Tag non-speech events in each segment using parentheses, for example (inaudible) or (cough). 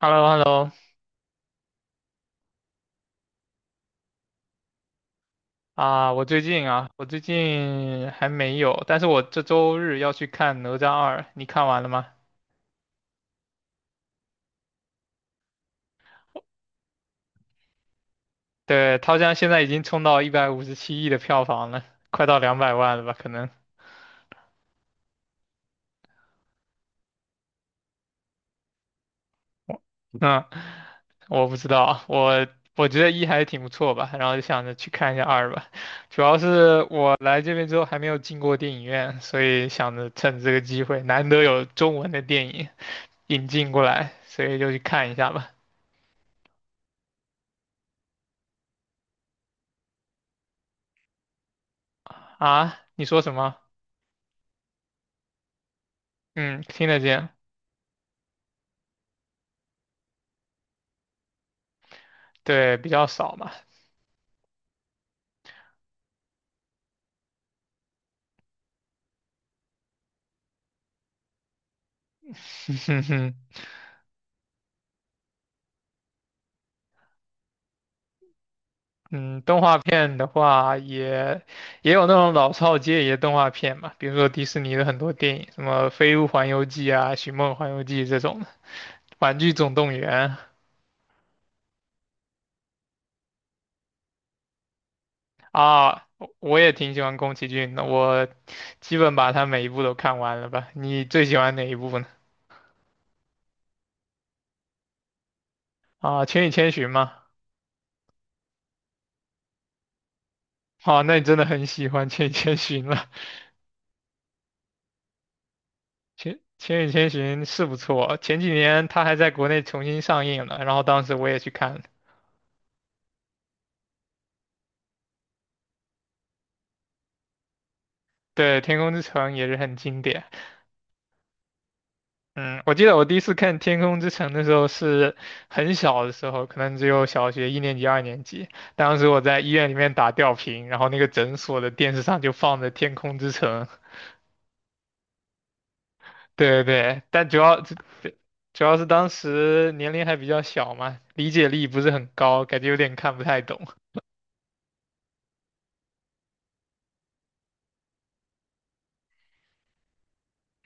h e l l o h e l l o 啊，我最近还没有，但是我这周日要去看《哪吒二》，你看完了吗？对，它好像现在已经冲到157亿的票房了，快到200万了吧？可能，嗯，我不知道，我觉得一还挺不错吧，然后就想着去看一下二吧。主要是我来这边之后还没有进过电影院，所以想着趁这个机会，难得有中文的电影引进过来，所以就去看一下吧。啊，你说什么？嗯，听得见，对，比较少嘛。(laughs) 嗯，动画片的话也有那种老少皆宜的动画片嘛，比如说迪士尼的很多电影，什么《飞屋环游记》啊，《寻梦环游记》这种的，《玩具总动员》啊，我也挺喜欢宫崎骏的，我基本把他每一部都看完了吧。你最喜欢哪一部呢？啊，《千与千寻》吗？哦，那你真的很喜欢《千与千寻》了。千与千寻是不错，前几年它还在国内重新上映了，然后当时我也去看了。对，《天空之城》也是很经典。嗯，我记得我第一次看《天空之城》的时候是很小的时候，可能只有小学一年级、二年级。当时我在医院里面打吊瓶，然后那个诊所的电视上就放着《天空之城》。对对对，但主要是当时年龄还比较小嘛，理解力不是很高，感觉有点看不太懂。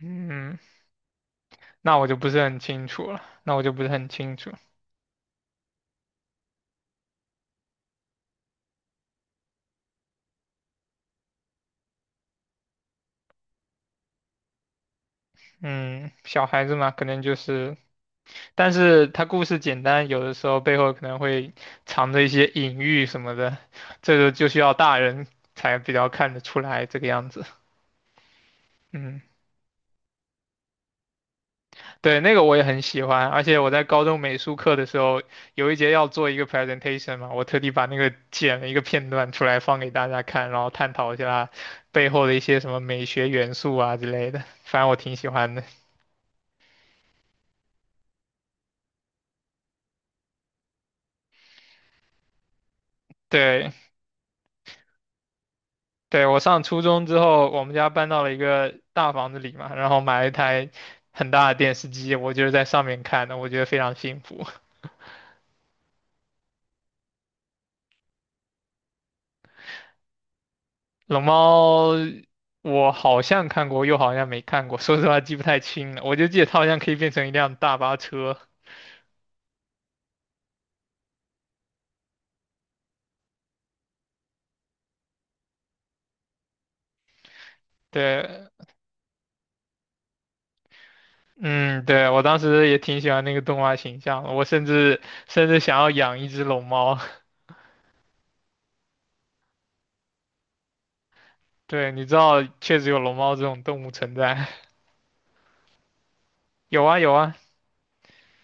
嗯，那我就不是很清楚了，那我就不是很清楚。嗯，小孩子嘛，可能就是，但是他故事简单，有的时候背后可能会藏着一些隐喻什么的，这个就需要大人才比较看得出来这个样子。嗯，对，那个我也很喜欢，而且我在高中美术课的时候，有一节要做一个 presentation 嘛，我特地把那个剪了一个片段出来放给大家看，然后探讨一下背后的一些什么美学元素啊之类的，反正我挺喜欢的。对。对，我上初中之后，我们家搬到了一个大房子里嘛，然后买了一台很大的电视机，我就是在上面看的，我觉得非常幸福。龙猫，我好像看过，又好像没看过，说实话记不太清了，我就记得它好像可以变成一辆大巴车。对，嗯，对，我当时也挺喜欢那个动画形象的，我甚至想要养一只龙猫。(laughs) 对，你知道确实有龙猫这种动物存在，(laughs) 有啊有啊。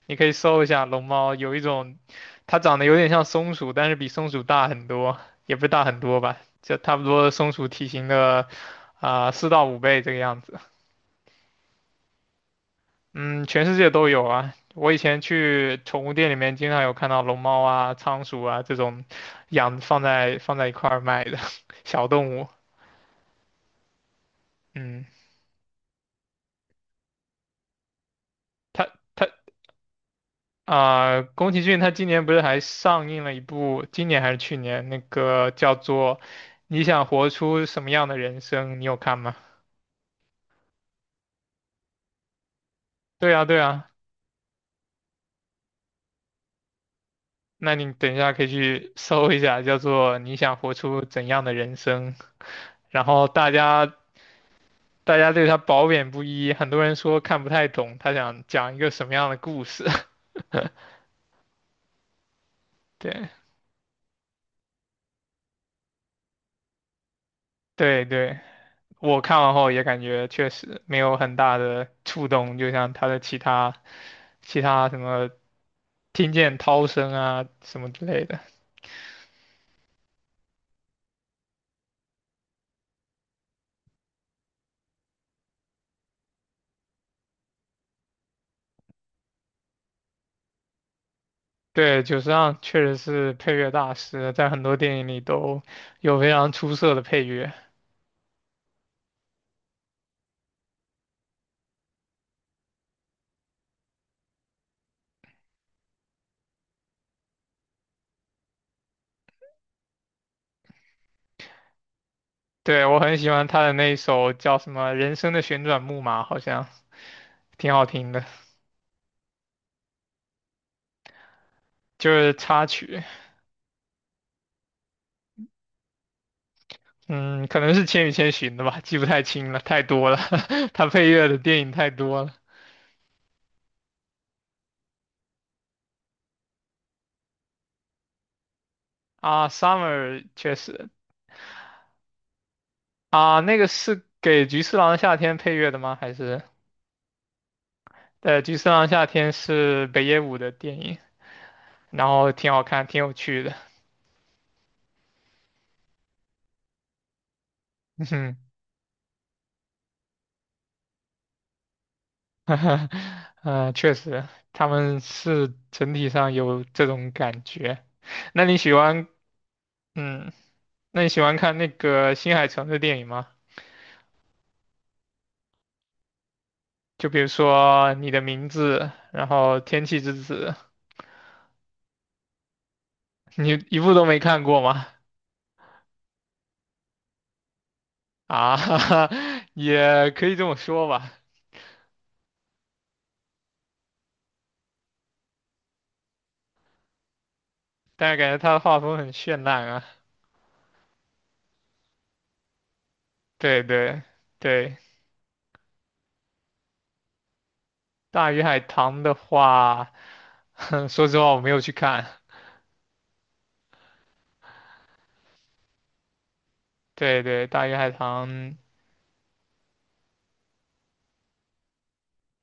你可以搜一下龙猫，有一种它长得有点像松鼠，但是比松鼠大很多，也不是大很多吧，就差不多松鼠体型的4到5倍这个样子。嗯，全世界都有啊。我以前去宠物店里面，经常有看到龙猫啊、仓鼠啊这种养放在一块儿卖的 (laughs) 小动物。嗯，它它啊、宫崎骏他今年不是还上映了一部，今年还是去年那个叫做《你想活出什么样的人生》，你有看吗？对啊，对啊，那你等一下可以去搜一下，叫做《你想活出怎样的人生》，然后大家对他褒贬不一，很多人说看不太懂他想讲一个什么样的故事。(laughs) 对对对，我看完后也感觉确实没有很大的触动，就像他的其他什么。听见涛声啊什么之类的。对，久石让确实是配乐大师，在很多电影里都有非常出色的配乐。对，我很喜欢他的那一首叫什么《人生的旋转木马》，好像挺好听的，就是插曲。嗯，可能是《千与千寻》的吧，记不太清了，太多了。(laughs) 他配乐的电影太多了啊，Summer 确实啊，那个是给《菊次郎的夏天》配乐的吗？还是对，《菊次郎夏天》是北野武的电影。然后挺好看，挺有趣的。(laughs) 嗯，(laughs) 确实，他们是整体上有这种感觉。那你喜欢，嗯，那你喜欢看那个新海诚的电影吗？就比如说《你的名字》，然后《天气之子》，你一部都没看过吗？啊，(laughs) 也可以这么说吧，但是感觉他的画风很绚烂啊。对对对，《大鱼海棠》的话，(laughs) 说实话我没有去看。对对，大鱼海棠，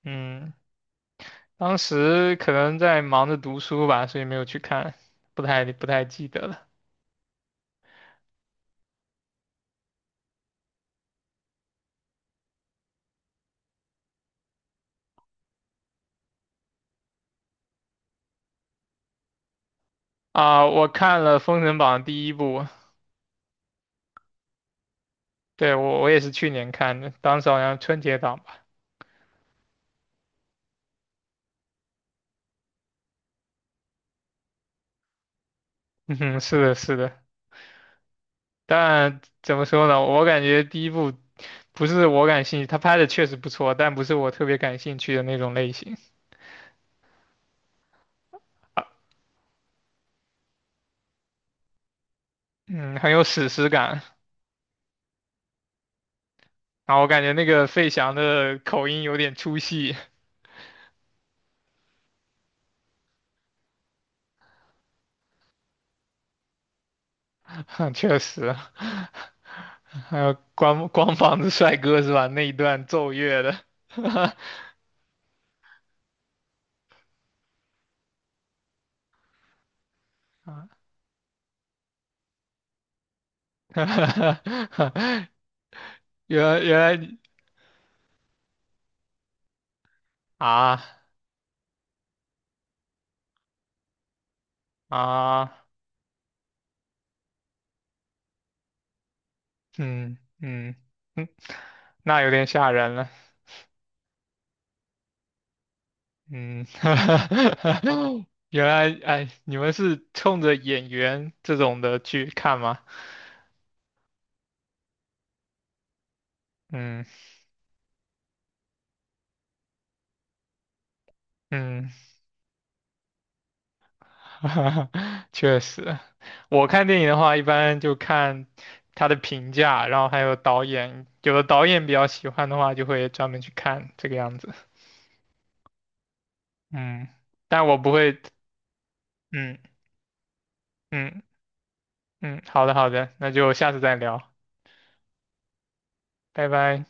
嗯，当时可能在忙着读书吧，所以没有去看，不太记得了。啊、我看了《封神榜》第一部，对，我也是去年看的，当时好像春节档吧。(laughs) 嗯哼，是的，是的。但怎么说呢，我感觉第一部不是我感兴趣，他拍的确实不错，但不是我特别感兴趣的那种类型。嗯，很有史诗感。然后我感觉那个费翔的口音有点出戏，(laughs) 确实啊。还有光 (laughs) 光膀子帅哥是吧？那一段奏乐的，(laughs) 啊 (laughs) 原来你啊啊，嗯嗯嗯，那有点吓人了，嗯，(laughs) 原来哎，你们是冲着演员这种的去看吗？嗯嗯。(laughs) 哈哈，(laughs) 确实，我看电影的话，一般就看他的评价，然后还有导演，有的导演比较喜欢的话，就会专门去看这个样子。嗯，但我不会，嗯嗯嗯，好的好的，那就下次再聊，拜拜。